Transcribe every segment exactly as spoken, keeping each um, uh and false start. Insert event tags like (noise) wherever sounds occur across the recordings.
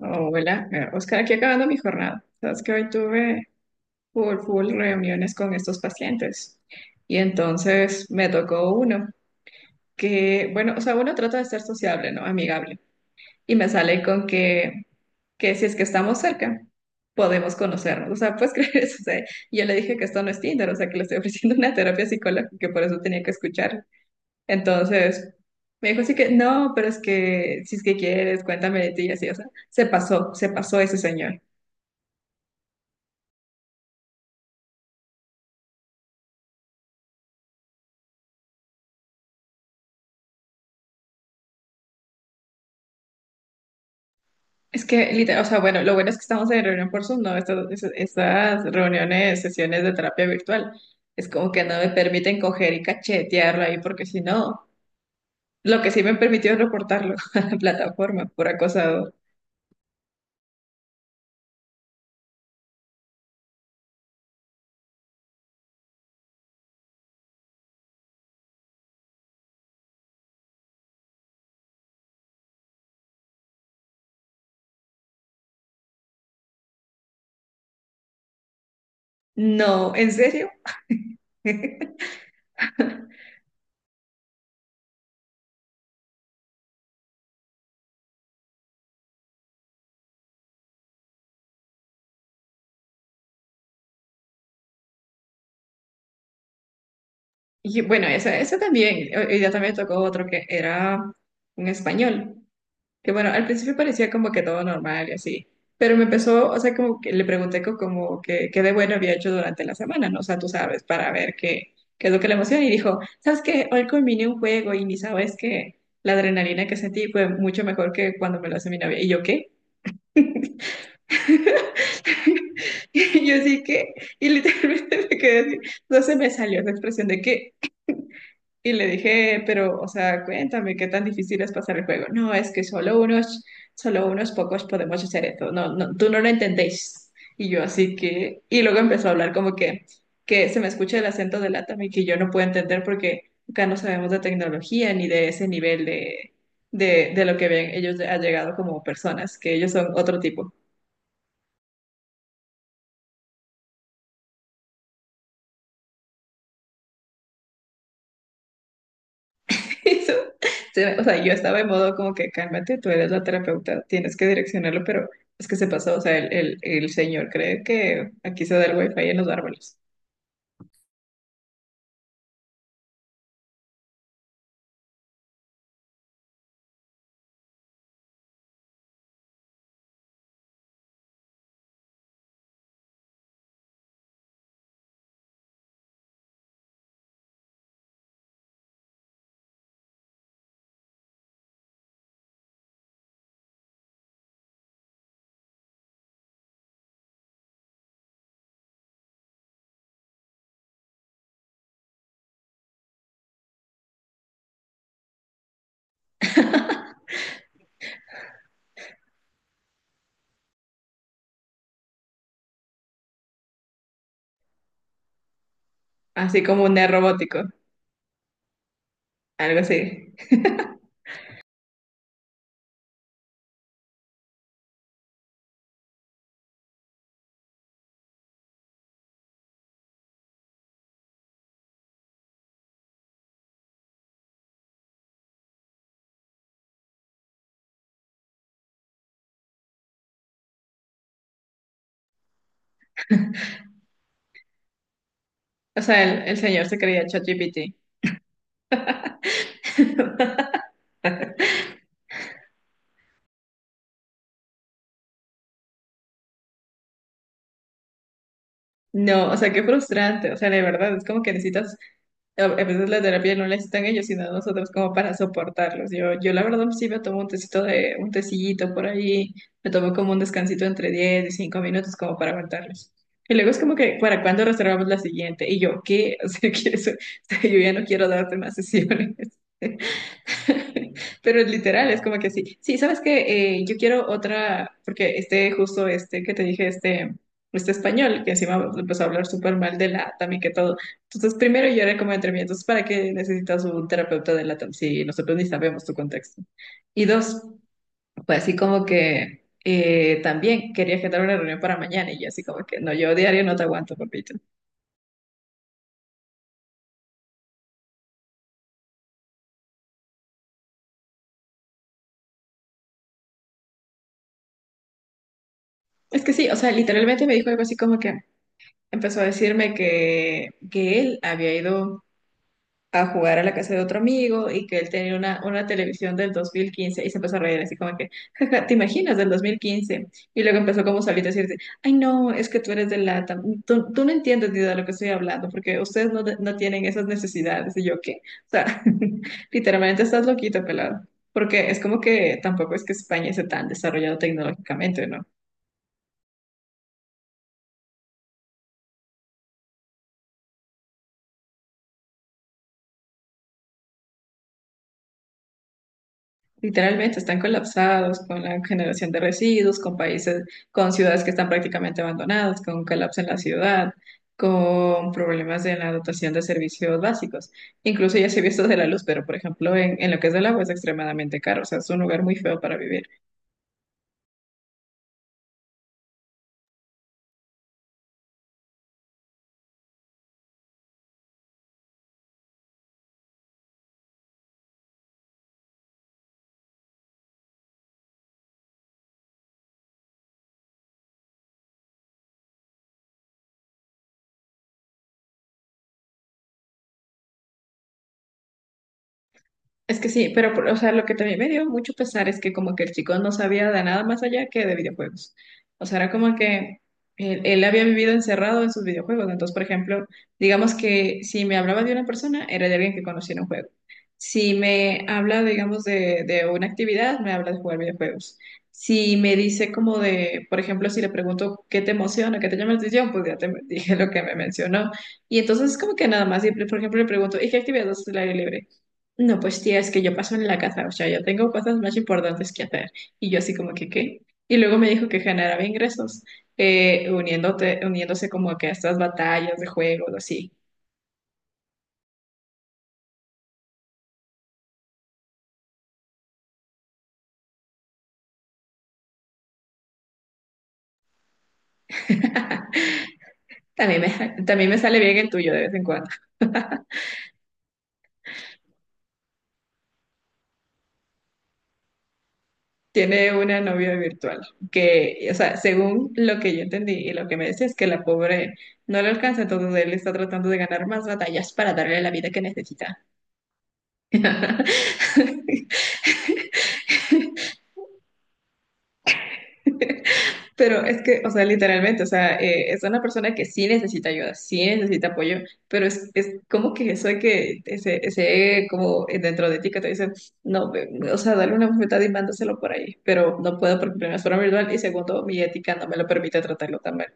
Hola, eh, Oscar, aquí acabando mi jornada. Sabes que hoy tuve full, full reuniones con estos pacientes y entonces me tocó uno que, bueno, o sea, uno trata de ser sociable, ¿no? Amigable. Y me sale con que, que si es que estamos cerca, podemos conocernos. O sea, puedes creer eso. (laughs) O sea, yo le dije que esto no es Tinder, o sea, que le estoy ofreciendo una terapia psicológica, que por eso tenía que escuchar. Entonces, me dijo así que, no, pero es que, si es que quieres, cuéntame de ti y así, o sea, se pasó, se pasó ese señor. Es que, literal, o sea, bueno, lo bueno es que estamos en reunión por Zoom, ¿no? Estas, es- estas reuniones, sesiones de terapia virtual, es como que no me permiten coger y cachetearlo ahí, porque si no, lo que sí me permitió es reportarlo (laughs) a la plataforma por acosado. No, ¿en serio? (laughs) Y bueno, ese, ese también, hoy hoy día también tocó otro que era un español, que bueno, al principio parecía como que todo normal y así, pero me empezó, o sea, como que le pregunté co- como que qué de bueno había hecho durante la semana, ¿no? O sea, tú sabes, para ver qué, qué es lo que le emociona y dijo, ¿sabes qué? Hoy combiné un juego y ni sabes que la adrenalina que sentí fue mucho mejor que cuando me lo hace mi novia. ¿Y yo qué? (laughs) Y yo sí que, y literalmente (laughs) me quedé así, no se me salió esa expresión de qué. Y le dije, pero, o sea, cuéntame qué tan difícil es pasar el juego. No, es que solo unos, solo unos pocos podemos hacer esto. No, no, tú no lo entendéis. Y yo así que, y luego empezó a hablar como que, que se me escucha el acento de Latam y que yo no puedo entender porque acá no sabemos de tecnología ni de ese nivel de, de, de lo que ven ellos ha llegado como personas, que ellos son otro tipo. Eso, se- o sea, yo estaba en modo como que cálmate, tú eres la terapeuta, tienes que direccionarlo, pero es que se pasó, o sea, el, el, el señor cree que aquí se da el wifi en los árboles, así como un neo robótico, algo así. O sea, el, el señor se creía ChatGPT. (laughs) No, o sea, qué frustrante, o sea, de verdad, es como que necesitas A a veces la terapia no la necesitan ellos, sino nosotros como para soportarlos. Yo, yo la verdad sí me tomo un tecito de, un tecillito por ahí, me tomo como un descansito entre diez y cinco minutos como para aguantarlos. Y luego es como que, ¿para cuándo reservamos la siguiente? Y yo, ¿qué? (laughs) O sea, que eso- (laughs) o sea, yo ya no quiero darte más sesiones. (laughs) Pero es literal, es como que sí. Sí, ¿sabes qué? Eh, yo quiero otra, porque este, justo este que te dije, este, este español, que encima empezó a hablar súper mal de LATAM y que todo. Entonces, primero yo era como entre mí, entonces, ¿para qué necesitas un terapeuta de LATAM si nosotros ni sabemos tu contexto? Y dos, pues así como que eh, también quería agendar una reunión para mañana y yo así como que, no, yo diario no te aguanto, papito. Es que sí, o sea, literalmente me dijo algo así como que empezó a decirme que, que él había ido a jugar a la casa de otro amigo y que él tenía una, una televisión del dos mil quince y se empezó a reír así como que, jaja, ¿te imaginas del dos mil quince? Y luego empezó como solito a decirte, ay no, es que tú eres de lata, tú, tú no entiendes ni de lo que estoy hablando porque ustedes no, no tienen esas necesidades y yo qué, o sea, (laughs) literalmente estás loquito, pelado, porque es como que tampoco es que España esté tan desarrollado tecnológicamente, ¿no? Literalmente están colapsados con la generación de residuos, con países, con ciudades que están prácticamente abandonadas, con un colapso en la ciudad, con problemas en la dotación de servicios básicos. Incluso ya se vio esto de la luz, pero por ejemplo en, en lo que es del agua es extremadamente caro, o sea, es un lugar muy feo para vivir. Es que sí, pero o sea, lo que también me dio mucho pesar es que como que el chico no sabía de nada más allá que de videojuegos. O sea, era como que él, él había vivido encerrado en sus videojuegos. Entonces, por ejemplo, digamos que si me hablaba de una persona, era de alguien que conocía en un juego. Si me habla, digamos, de, de una actividad, me habla de jugar videojuegos. Si me dice como de, por ejemplo, si le pregunto qué te emociona, qué te llama la atención, pues ya te (laughs) dije lo que me mencionó. Y entonces como que nada más, y, por ejemplo, le pregunto, ¿y qué actividad haces al aire libre? No, pues tía, es que yo paso en la casa, o sea, yo tengo cosas más importantes que hacer. Y yo así como que, ¿qué? Y luego me dijo que generaba ingresos, eh, uniéndote, uniéndose como que a estas batallas de juegos, así. (laughs) También me, también me sale bien el tuyo de vez en cuando. Tiene una novia virtual que, o sea, según lo que yo entendí y lo que me decía es que la pobre no le alcanza, entonces él está tratando de ganar más batallas para darle la vida que necesita. (laughs) Pero es que, o sea, literalmente, o sea, eh, es una persona que sí necesita ayuda, sí necesita apoyo, pero es, es como que eso de que ese, ese como dentro de ti que te dicen, no, ve- o sea, dale una bofetada y mándaselo por ahí, pero no puedo porque primero es forma virtual y segundo, mi ética no me lo permite tratarlo también.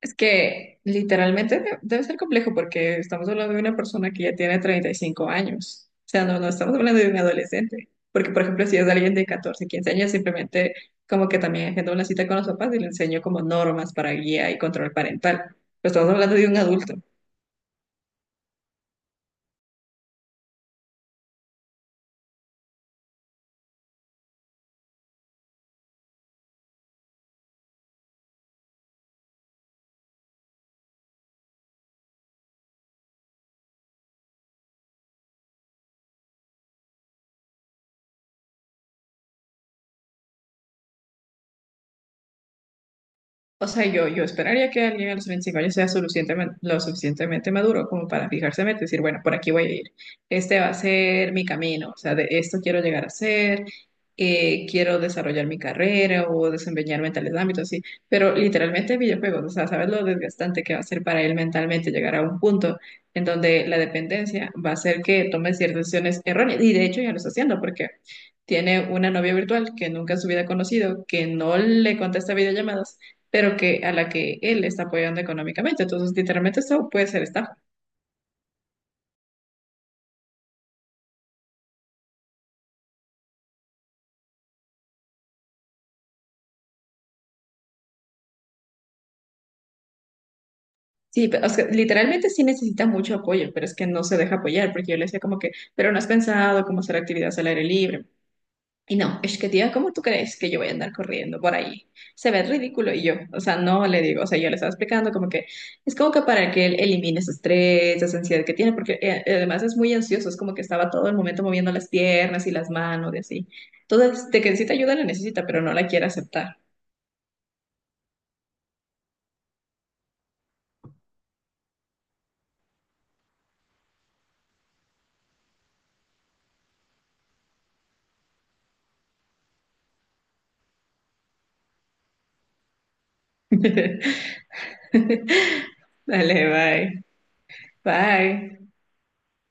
Es que literalmente de- debe ser complejo porque estamos hablando de una persona que ya tiene treinta y cinco años. O sea, no, no estamos hablando de un adolescente. Porque, por ejemplo, si es alguien de catorce, quince años, simplemente como que también agendo una cita con los papás y le enseño como normas para guía y control parental. Pero estamos hablando de un adulto. O sea, yo, yo esperaría que alguien a los veinticinco años sea suficientemente, lo suficientemente maduro como para fijarse en meta y decir, bueno, por aquí voy a ir. Este va a ser mi camino. O sea, de esto quiero llegar a ser. Eh, quiero desarrollar mi carrera o desempeñarme en tales ámbitos, sí. Pero literalmente videojuegos, o sea, sabes lo desgastante que va a ser para él mentalmente llegar a un punto en donde la dependencia va a hacer que tome ciertas decisiones erróneas. Y de hecho ya lo está haciendo porque tiene una novia virtual que nunca en su vida ha conocido, que no le contesta videollamadas pero que a la que él está apoyando económicamente. Entonces, literalmente esto puede ser estafa. Sí, pero, o sea, literalmente sí necesita mucho apoyo, pero es que no se deja apoyar, porque yo le decía como que, pero no has pensado cómo hacer actividades al aire libre. Y no, es que tía, ¿cómo tú crees que yo voy a andar corriendo por ahí? Se ve ridículo. Y yo, o sea, no le digo, o sea, yo le estaba explicando como que es como que para que él elimine ese estrés, esa ansiedad que tiene, porque eh, además es muy ansioso, es como que estaba todo el momento moviendo las piernas y las manos y así. Entonces, de que necesita ayuda, la necesita, pero no la quiere aceptar. (laughs) Dale, bye. Bye.